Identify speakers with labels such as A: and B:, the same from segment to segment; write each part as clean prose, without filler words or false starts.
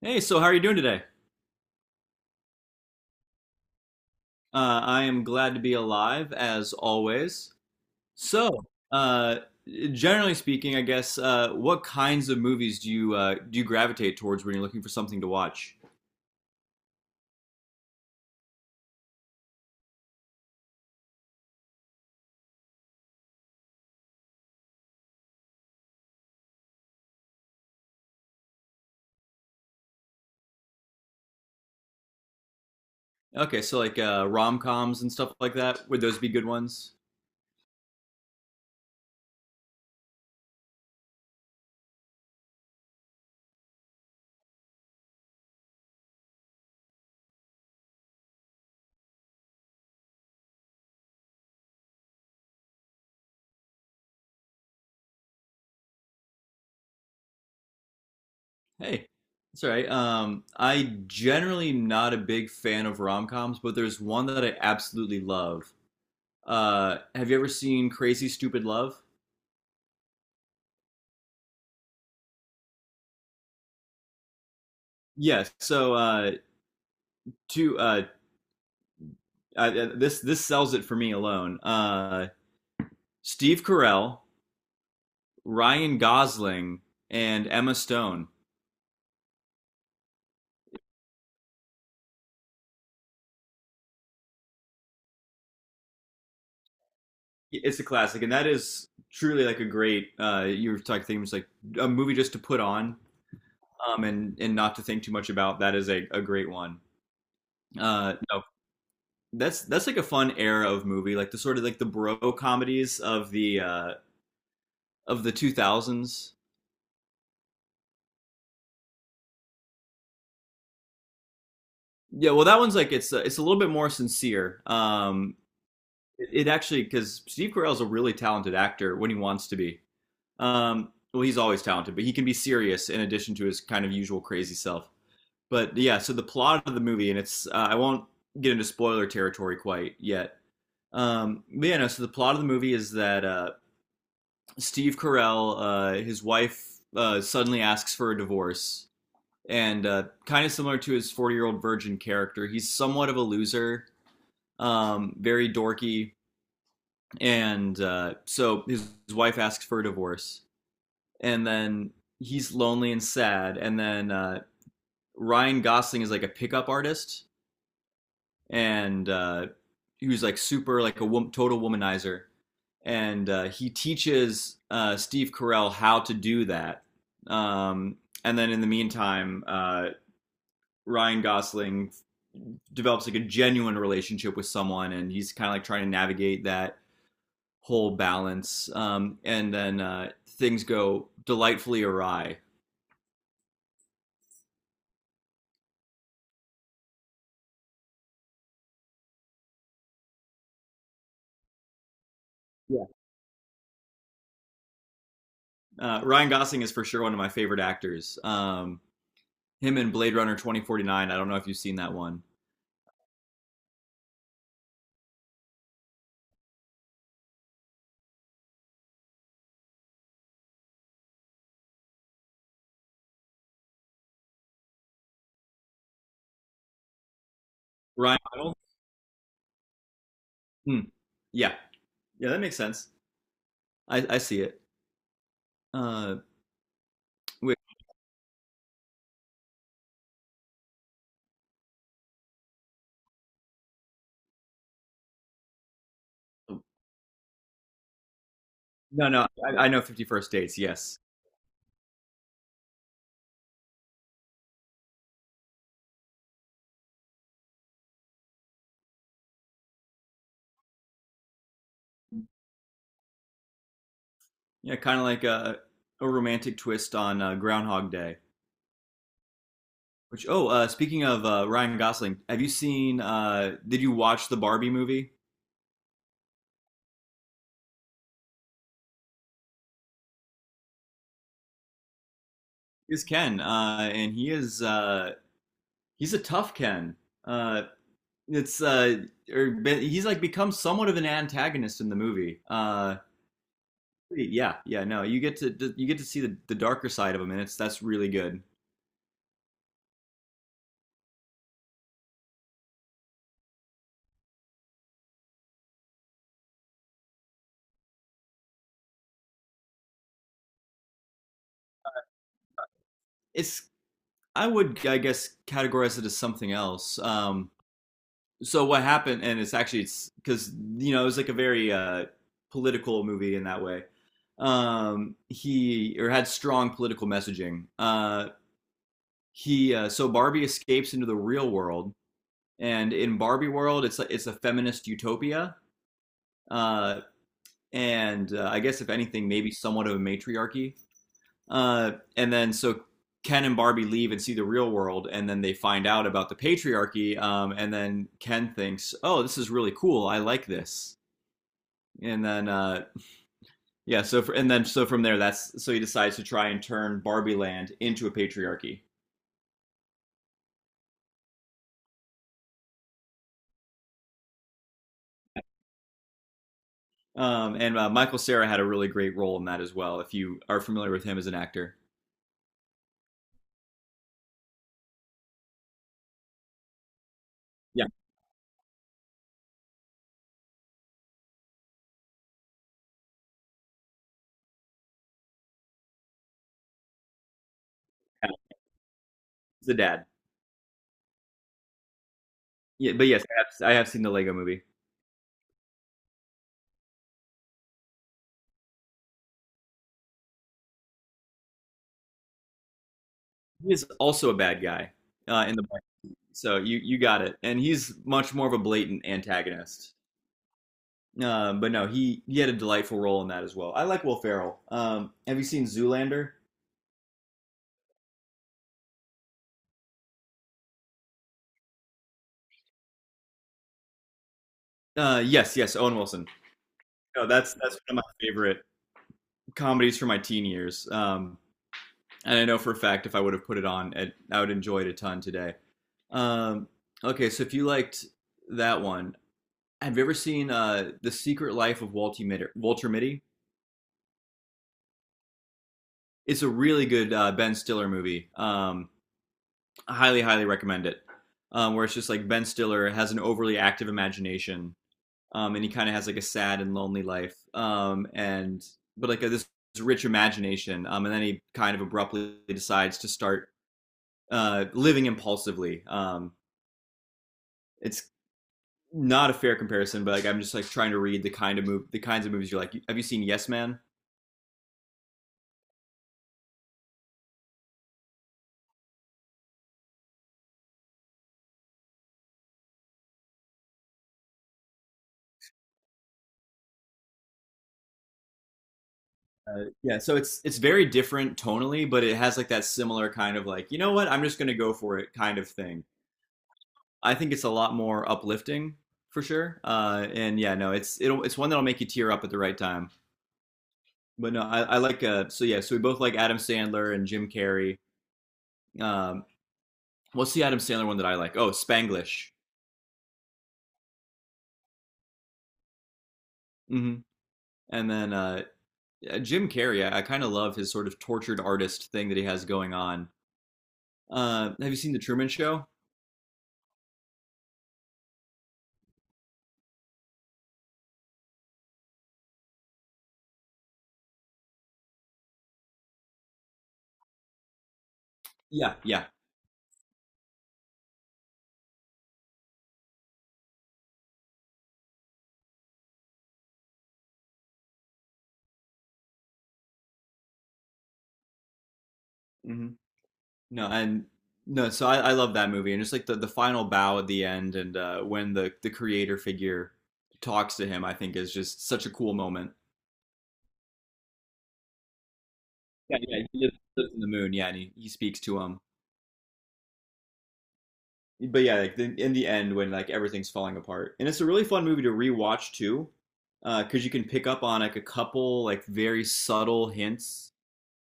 A: Hey, so how are you doing today? I am glad to be alive, as always. So, uh, Generally speaking, I guess, what kinds of movies do you gravitate towards when you're looking for something to watch? Okay, so like rom-coms and stuff like that, would those be good ones? Hey, that's all right. I generally am not a big fan of rom-coms, but there's one that I absolutely love. Have you ever seen Crazy Stupid Love? Yes. So, two uh, this this sells it for me alone. Steve Carell, Ryan Gosling, and Emma Stone. It's a classic, and that is truly like a great. You were talking things like a movie just to put on, and not to think too much about. That is a great one. No, that's like a fun era of movie, like the sort of like the bro comedies of the two thousands. Yeah, well, that one's like it's a little bit more sincere. It actually because Steve Carell's a really talented actor when he wants to be. Well, he's always talented, but he can be serious in addition to his kind of usual crazy self. But yeah, so the plot of the movie, and it's I won't get into spoiler territory quite yet. But yeah, no, so the plot of the movie is that Steve Carell, his wife suddenly asks for a divorce, and kind of similar to his 40-year-old virgin character, he's somewhat of a loser, very dorky, and so his wife asks for a divorce, and then he's lonely and sad. And then Ryan Gosling is like a pickup artist, and he was like super like a wom- total womanizer, and he teaches Steve Carell how to do that. Um, and then in the meantime, Ryan Gosling develops like a genuine relationship with someone, and he's kind of like trying to navigate that whole balance. And then things go delightfully awry. Yeah. Ryan Gosling is for sure one of my favorite actors. Him in Blade Runner 2049. I don't know if you've seen that one. Ryan Reynolds? Hmm. Yeah. Yeah, that makes sense. I see it. Uh, wait, no, no, I know 51st Dates, yes. Yeah, kind of like a romantic twist on Groundhog Day. Which, oh, speaking of Ryan Gosling, have you seen, did you watch the Barbie movie? Is Ken, and he's a tough Ken. Uh, it's or he's like become somewhat of an antagonist in the movie. Yeah, yeah, no, you get to see the darker side of him, and it's that's really good. It's I would I guess categorize it as something else. So what happened, and it's actually it's because you know it was like a very political movie in that way. He or had strong political messaging. He so Barbie escapes into the real world, and in Barbie world, it's a feminist utopia, uh, and I guess if anything, maybe somewhat of a matriarchy. And then so Ken and Barbie leave and see the real world, and then they find out about the patriarchy. And then Ken thinks, "Oh, this is really cool. I like this." And then so from there, that's so he decides to try and turn Barbie Land into a patriarchy. And Michael Cera had a really great role in that as well. If you are familiar with him as an actor, yeah, yeah, he's the dad. Yeah, but yes, I have seen the Lego Movie. He is also a bad guy in the book, so you got it. And he's much more of a blatant antagonist. But no, he had a delightful role in that as well. I like Will Ferrell. Have you seen Zoolander? Yes, yes, Owen Wilson. No, that's one of my favorite comedies from my teen years. And I know for a fact if I would have put it on, I would enjoy it a ton today. Um, okay, so if you liked that one, have you ever seen The Secret Life of Walter Mitty? Walter Mitty? It's a really good Ben Stiller movie. I highly, highly recommend it. Where it's just like Ben Stiller has an overly active imagination, and he kind of has like a sad and lonely life, and but like this rich imagination, and then he kind of abruptly decides to start living impulsively, it's not a fair comparison, but like I'm just like trying to read the kinds of movies you're like. Have you seen Yes Man? Yeah, so it's very different tonally, but it has like that similar kind of like you know what I'm just gonna go for it kind of thing. I think it's a lot more uplifting for sure. And yeah, no, it's one that'll make you tear up at the right time. But no, I like So yeah, so we both like Adam Sandler and Jim Carrey. Um, what's the Adam Sandler one that I like? Oh, Spanglish. Hmm. And then Jim Carrey, I kind of love his sort of tortured artist thing that he has going on. Have you seen The Truman Show? Yeah, yeah. Hmm. No, and no, so I love that movie and just like the final bow at the end and when the creator figure talks to him, I think is just such a cool moment. Yeah, yeah, lives in the moon. Yeah, and he speaks to him. But yeah, like in the end, when like everything's falling apart, and it's a really fun movie to rewatch too, because you can pick up on like a couple like very subtle hints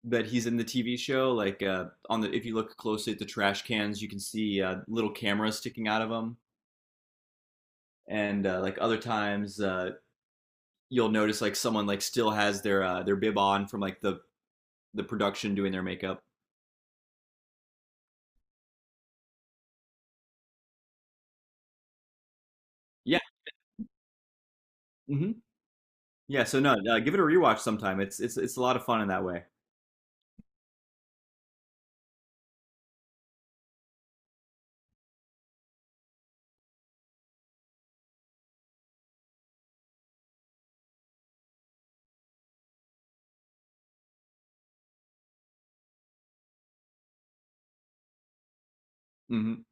A: that he's in the TV show. Like on the if you look closely at the trash cans, you can see little cameras sticking out of them, and like other times you'll notice like someone like still has their bib on from like the production doing their makeup. Yeah. Hmm. Yeah, so no, give it a rewatch sometime. It's it's a lot of fun in that way. Hmm.